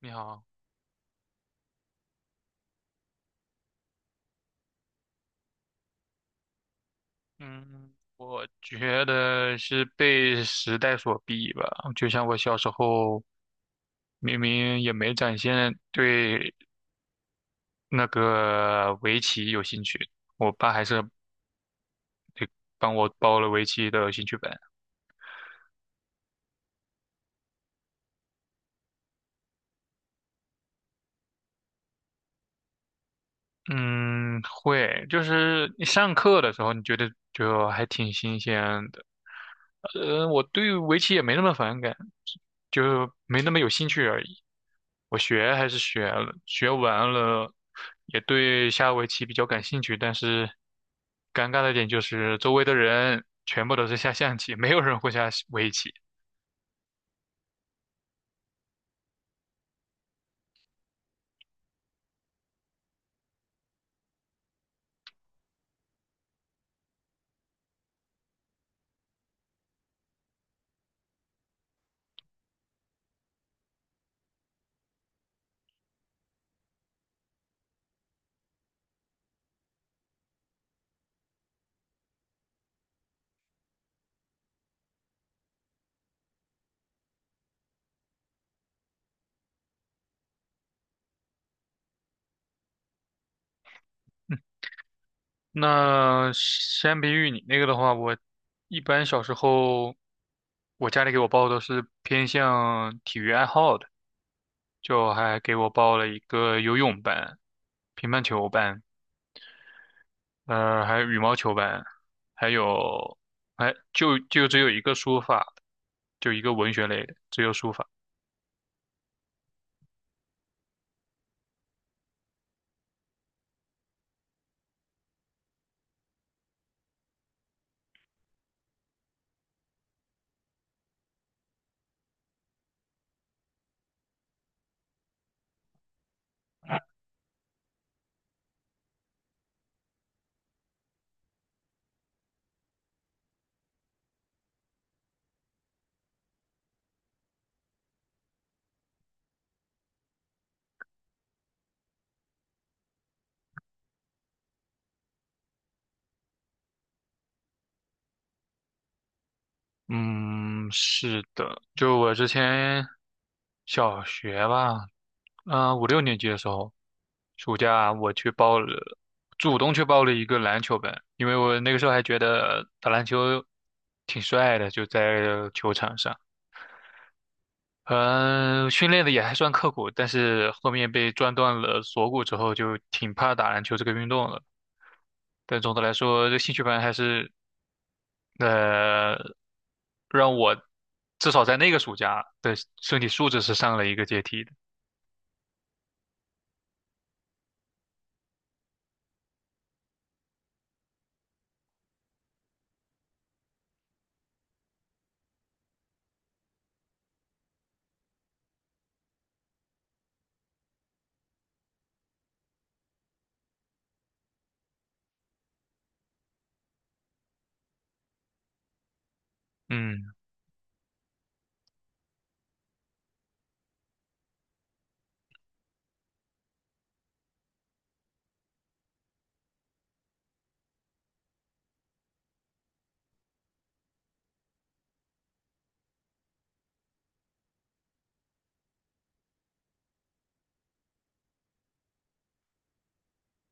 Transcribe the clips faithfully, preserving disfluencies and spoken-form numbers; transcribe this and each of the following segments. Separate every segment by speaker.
Speaker 1: 你好，嗯，我觉得是被时代所逼吧。就像我小时候，明明也没展现对那个围棋有兴趣，我爸还是帮我报了围棋的兴趣班。嗯，会，就是你上课的时候，你觉得就还挺新鲜的。呃，我对围棋也没那么反感，就没那么有兴趣而已。我学还是学了，学完了，也对下围棋比较感兴趣。但是尴尬的点就是周围的人全部都是下象棋，没有人会下围棋。那相比于你那个的话，我一般小时候，我家里给我报都是偏向体育爱好的，就还给我报了一个游泳班、乒乓球班。呃，还有羽毛球班，还有，哎，就就只有一个书法，就一个文学类的，只有书法。嗯，是的，就我之前小学吧，啊、五六年级的时候，暑假我去报了，主动去报了一个篮球班，因为我那个时候还觉得打篮球挺帅的，就在球场上。嗯，训练的也还算刻苦，但是后面被撞断了锁骨之后，就挺怕打篮球这个运动了。但总的来说，这兴趣班还是，呃，让我至少在那个暑假的身体素质是上了一个阶梯的。嗯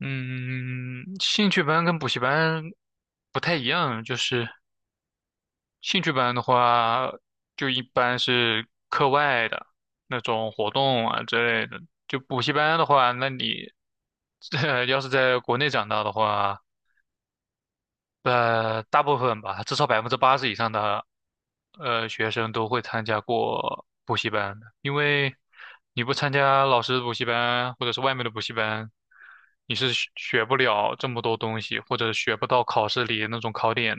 Speaker 1: 嗯，嗯嗯嗯兴趣班跟补习班不太一样，就是。兴趣班的话，就一般是课外的那种活动啊之类的。就补习班的话，那你 呃要是在国内长大的话，呃，大部分吧，至少百分之八十以上的呃学生都会参加过补习班的，因为你不参加老师的补习班或者是外面的补习班，你是学学不了这么多东西，或者学不到考试里那种考点。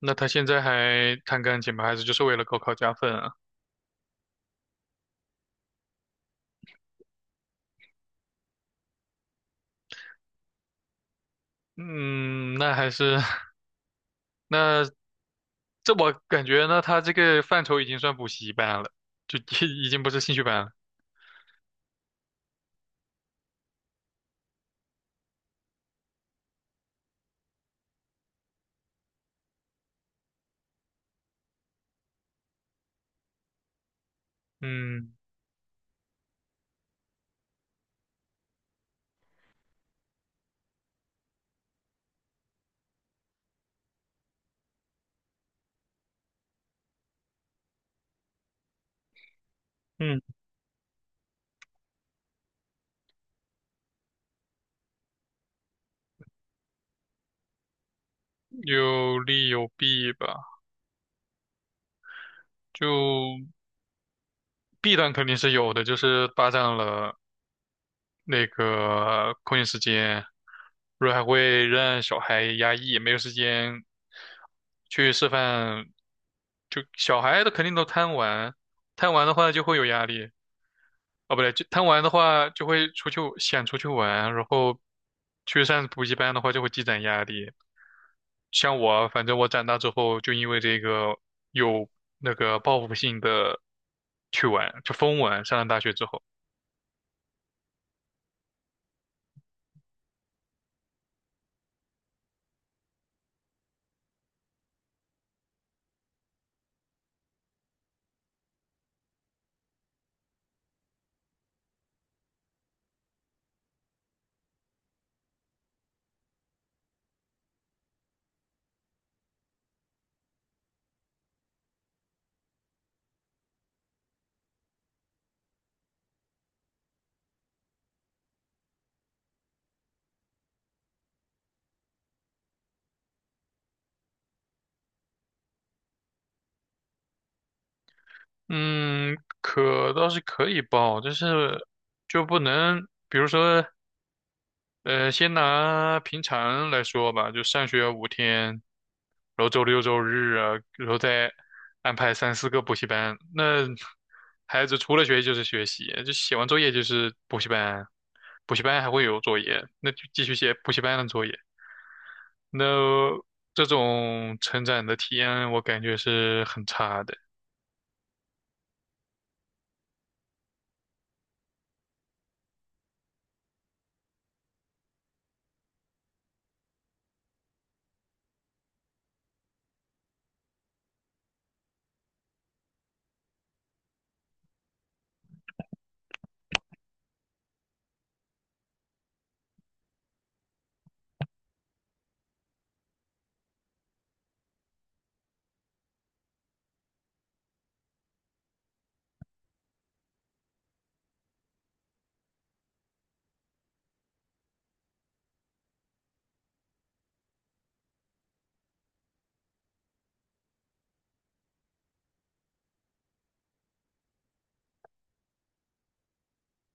Speaker 1: 那他现在还弹钢琴吗？还是就是为了高考加分啊？嗯，那还是。 那这我感觉呢，他这个范畴已经算补习班了，就 已经不是兴趣班了。嗯嗯，有利有弊吧。就弊端肯定是有的，就是霸占了那个空闲时间，不是还会让小孩压抑，没有时间去吃饭，就小孩的肯定都贪玩，贪玩的话就会有压力，哦，不对，就贪玩的话就会出去想出去玩，然后去上补习班的话就会积攒压力。像我，反正我长大之后就因为这个有那个报复性的去玩，就疯玩。上了大学之后。嗯，可倒是可以报，但是就不能，比如说，呃，先拿平常来说吧，就上学五天，然后周六周日啊，然后再安排三四个补习班，那孩子除了学习就是学习，就写完作业就是补习班，补习班还会有作业，那就继续写补习班的作业，那这种成长的体验我感觉是很差的，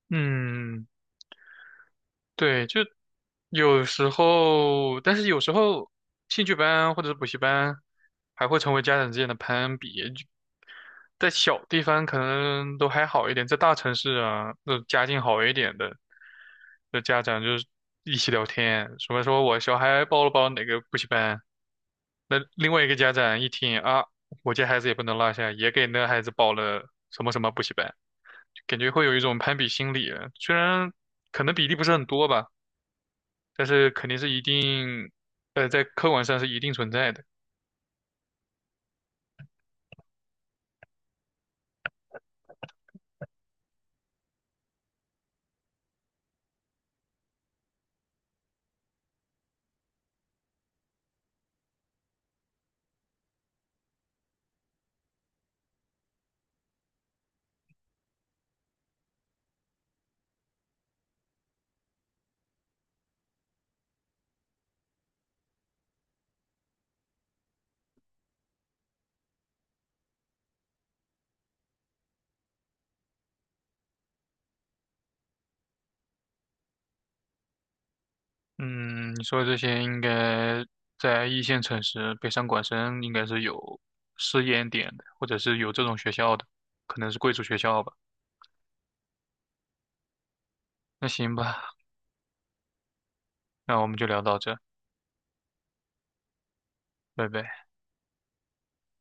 Speaker 1: 嗯。对，就有时候，但是有时候兴趣班或者是补习班还会成为家长之间的攀比。就在小地方可能都还好一点，在大城市啊，那家境好一点的，的家长就是一起聊天，什么说我小孩报了报哪个补习班，那另外一个家长一听啊，我家孩子也不能落下，也给那孩子报了什么什么补习班，感觉会有一种攀比心理啊，虽然可能比例不是很多吧。但是肯定是一定，呃，在客观上是一定存在的。嗯，你说的这些应该在一线城市，北上广深应该是有试验点的，或者是有这种学校的，可能是贵族学校吧。那行吧，那我们就聊到这，拜拜。